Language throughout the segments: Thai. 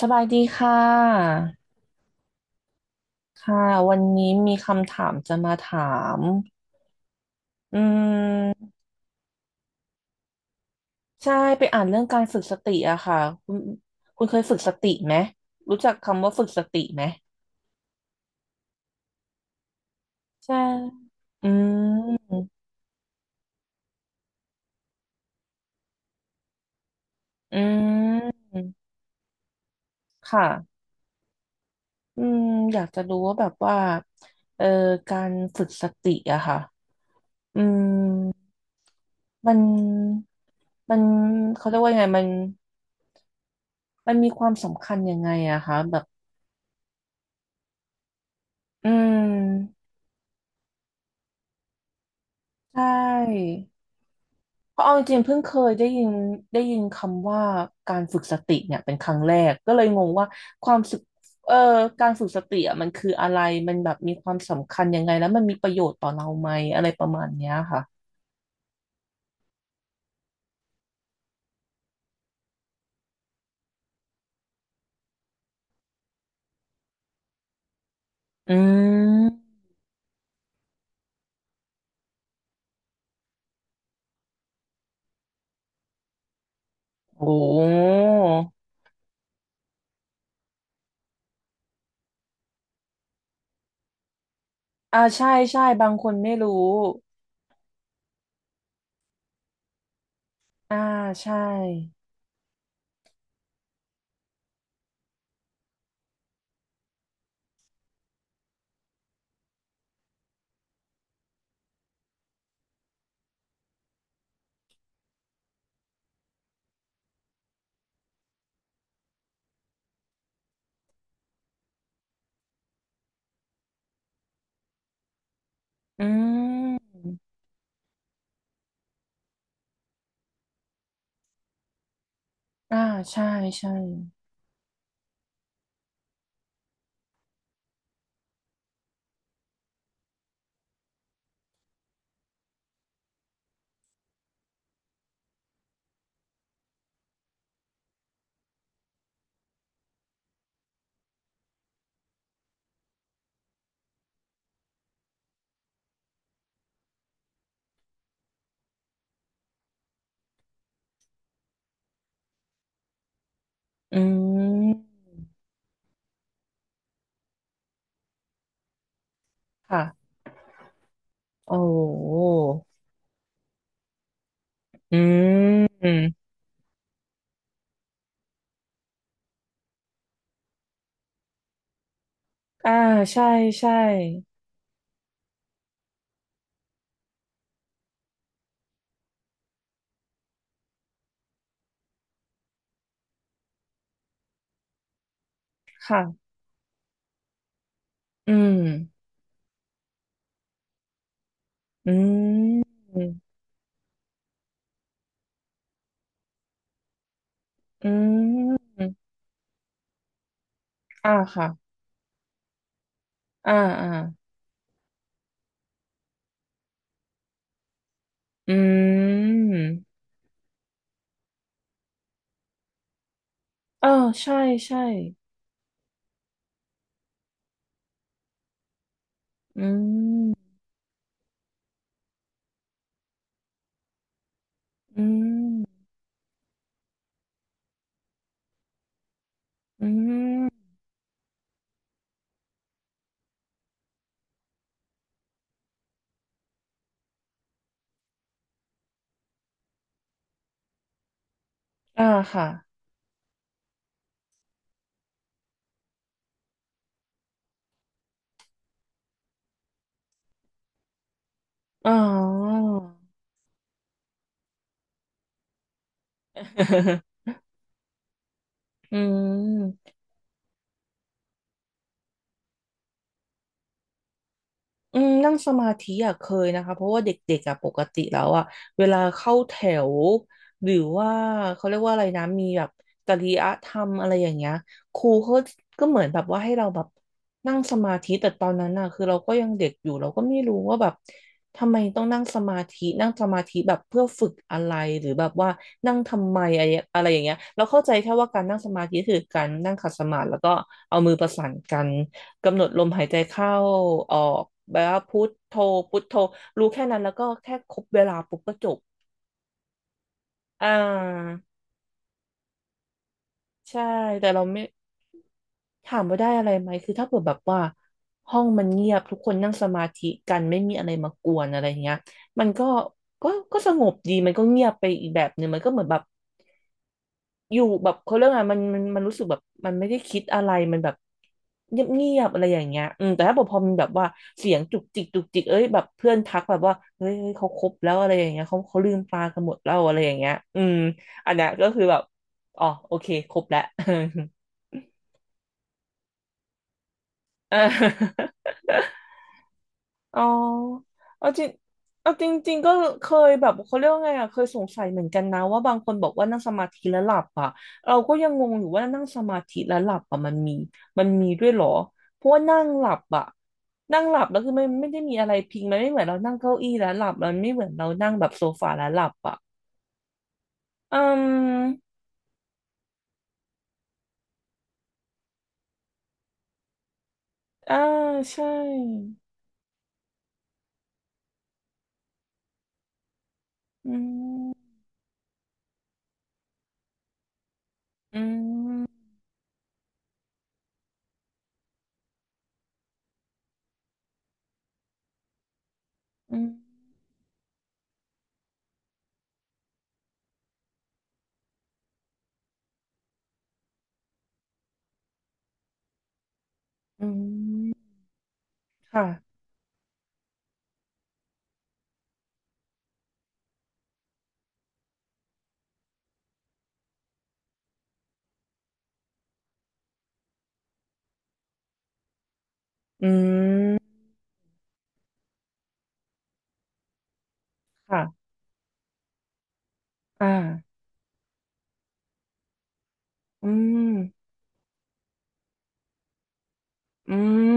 สบายดีค่ะค่ะวันนี้มีคำถามจะมาถาม อืมใช่ไปอ่านเรื่องการฝึกสติอะค่ะคุณคุณเคยฝึกสติไหม รู้จักคำว่าฝึกสติไหม ใช่ อืมอืมค่ะอืมอยากจะรู้ว่าแบบว่าเอ่อการฝึกสติอะค่ะ อืมมันมันเขาเรียกว่ายังไงมันมีความสำคัญยังไงอะคะแบบอืม ใช่ เพราะเอาจริงๆเพิ่งเคยได้ยินได้ยินคำว่าการฝึกสติเนี่ยเป็นครั้งแรก ก็เลยงงว่าความสึกเอ่อการฝึกสติอะมันคืออะไร มันแบบมีความสำคัญยังไงแล้วมันมีประโยชน์ต่อเราไหมอะไรประมาณเนี้ยค่ะ อืมโอ้อ่าใช่ใช่บางคนไม่รู้อ่าใช่ อืมอ่าใช่ใช่ อืม ค่ะ โอ้ อืม อ่าใช่ใช่ค่ะอืมอืมอืมอ่าค่ะอ่าอ่าอืมเออใช่ใช่อืมอืมอืมอ่าค่ะอ๋อ อืม อืมนั่งสมาธิอ่ะเคยนะคะเพราะว่าเด็กๆอ่ะปกติแล้วอ่ะเวลาเข้าแถวหรือว่าเขาเรียกว่าอะไรนะมีแบบจริยธรรมอะไรอย่างเงี้ยครูเขาก็เหมือนแบบว่าให้เราแบบนั่งสมาธิแต่ตอนนั้นอ่ะคือเราก็ยังเด็กอยู่เราก็ไม่รู้ว่าแบบทำไมต้องนั่งสมาธินั่งสมาธิแบบเพื่อฝึกอะไรหรือแบบว่านั่งทำไมอะไรอะไรอย่างเงี้ยเราเข้าใจแค่ว่าการนั่งสมาธิคือการนั่งขัดสมาธิแล้วก็เอามือประสานกัน กำหนดลมหายใจเข้าออกแบบว่าพุทโธพุทโธรู้แค่นั้นแล้วก็แค่ครบเวลาปุ๊บก็จบอ่าใช่แต่เราไม่ถามว่าได้อะไรไหมคือถ้าเกิดแบบว่าห้องมันเงียบทุกคนนั่งสมาธิกันไม่มีอะไรมากวนอะไรอย่างเงี้ยมันก็ก็ก็สงบดีมันก็เงียบไปอีกแบบหนึ่งมันก็เหมือนแบบ อยู่แบบเขาเรื่องอะไรมันรู้สึกแบบมันไม่ได้คิดอะไรมันแบบเงียบเงียบอะไรอย่างเงี้ยอืมแต่ถ้าพอมันแบบว่าเสียงจุกจิกจุกจิกเอ้ยแบบเพื่อนทักแบบว่าเฮ้ยเฮ้ยเขาคบแล้วอะไรอย่างเงี้ยเขาลืมตากันหมดแล้วอะไรอย่างเงี้ยอืมอันเนี้ยก็คือแบบอ๋อโอเคครบแล้ว เออ อ๋อเอาจริงเอาจริงๆก็เคยแบบเขาเรียกว่าไงอ่ะเคยสงสัยเหมือนกันนะว่าบางคนบอกว่านั่งสมาธิแล้วหลับอ่ะเราก็ยังงงอยู่ว่านั่งสมาธิแล้วหลับอ่ะมันมีด้วยเหรอเพราะว่านั่งหลับอ่ะนั่งหลับแล้วคือไม่ได้มีอะไรพิงมันไม่เหมือนเรานั่งเก้าอี้แล้วหลับมันไม่เหมือนเรานั่งแบบโซฟาแล้วหลับอ่ะอืมอ่าใช่อืมอืมอืมอืมค่ะอืมค่ะอ่าอืม อืม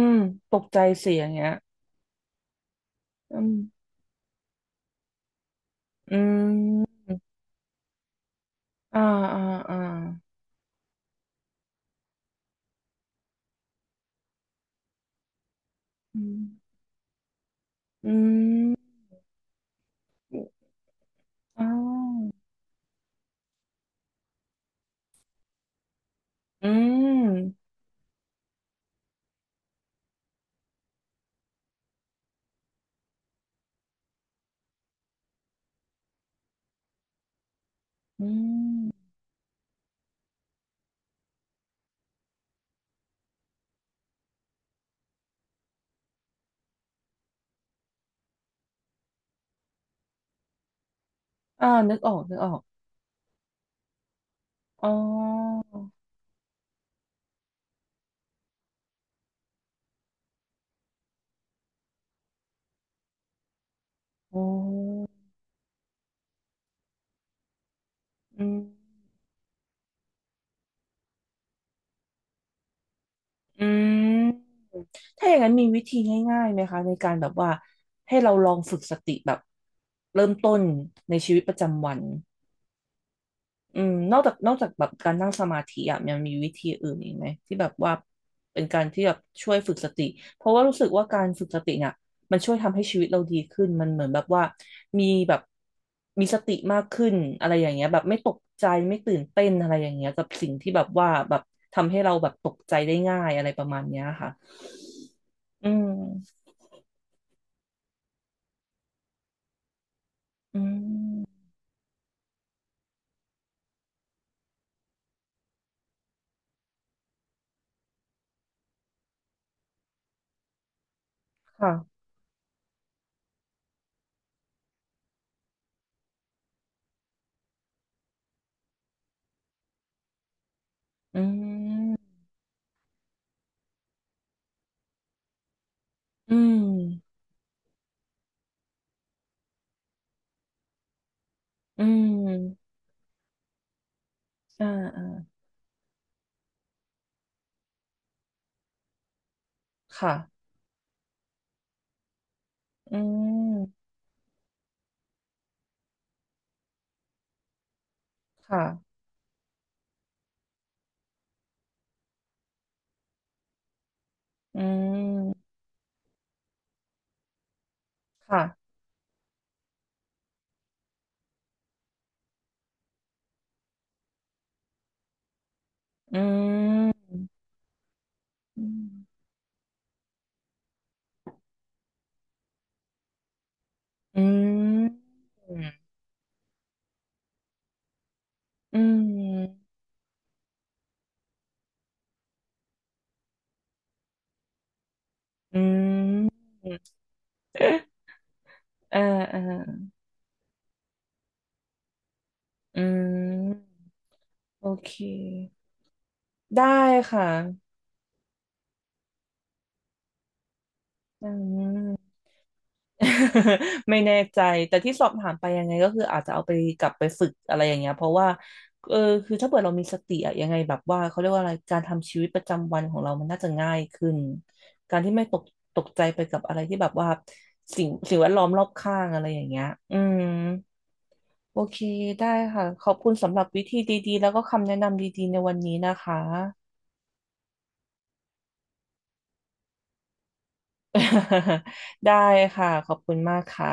ตกใจเสียงเงี้ยอืมอืมอ่าอ่าอ่าอืมอืมอ๋ออืมอืมอ่านึกออกนึกออกอ๋ออ๋ออืมอืมถ้าอย่างนั้นมีวิธีง่ายๆไหมคะในการแบบว่าให้เราลองฝึกสติแบบเริ่มต้นในชีวิตประจำวัน อืมนอกจากแบบการนั่งสมาธิอ่ะมังมีวิธีอื่นอีกไหมที่แบบว่าเป็นการที่แบบช่วยฝึกสติเพราะว่ารู้สึกว่าการฝึกสติเนี่ยมันช่วยทำให้ชีวิตเราดีขึ้นมันเหมือนแบบว่ามีแบบมีสติมากขึ้นอะไรอย่างเงี้ยแบบไม่ตกใจไม่ตื่นเต้นอะไรอย่างเงี้ยกับสิ่งที่แบบว่าแบบทำให้เราแบบตกใจได้ง่ายอะไรประมาณเนี้ยค่ะอืมอืมค่ะอืมอืมอืมอ่าอ่าค่ะอืมค่ะ อืมค่ะอืมอืมอืมอืมอืมเออเอออืมโอเคได้ค่ะอืม ไม่แน่ใจแต่ที่สอบถามไปยังไงก็คืออาจจะเอาไปกลับไปฝึกอะไรอย่างเงี้ยเพราะว่าเออคือถ้าเกิดเรามีสติอะยังไงแบบว่าเขาเรียกว่าอะไรการทำชีวิตประจำวันของเรามันน่าจะง่ายขึ้นการที่ไม่ตกใจไปกับอะไรที่แบบว่าสิ่งแวดล้อมรอบข้างอะไรอย่างเงี้ยอืมโอเคได้ค่ะขอบคุณสำหรับวิธีดีๆแล้วก็คำแนะนำดีๆในวันนี้นะคะ ได้ค่ะขอบคุณมากค่ะ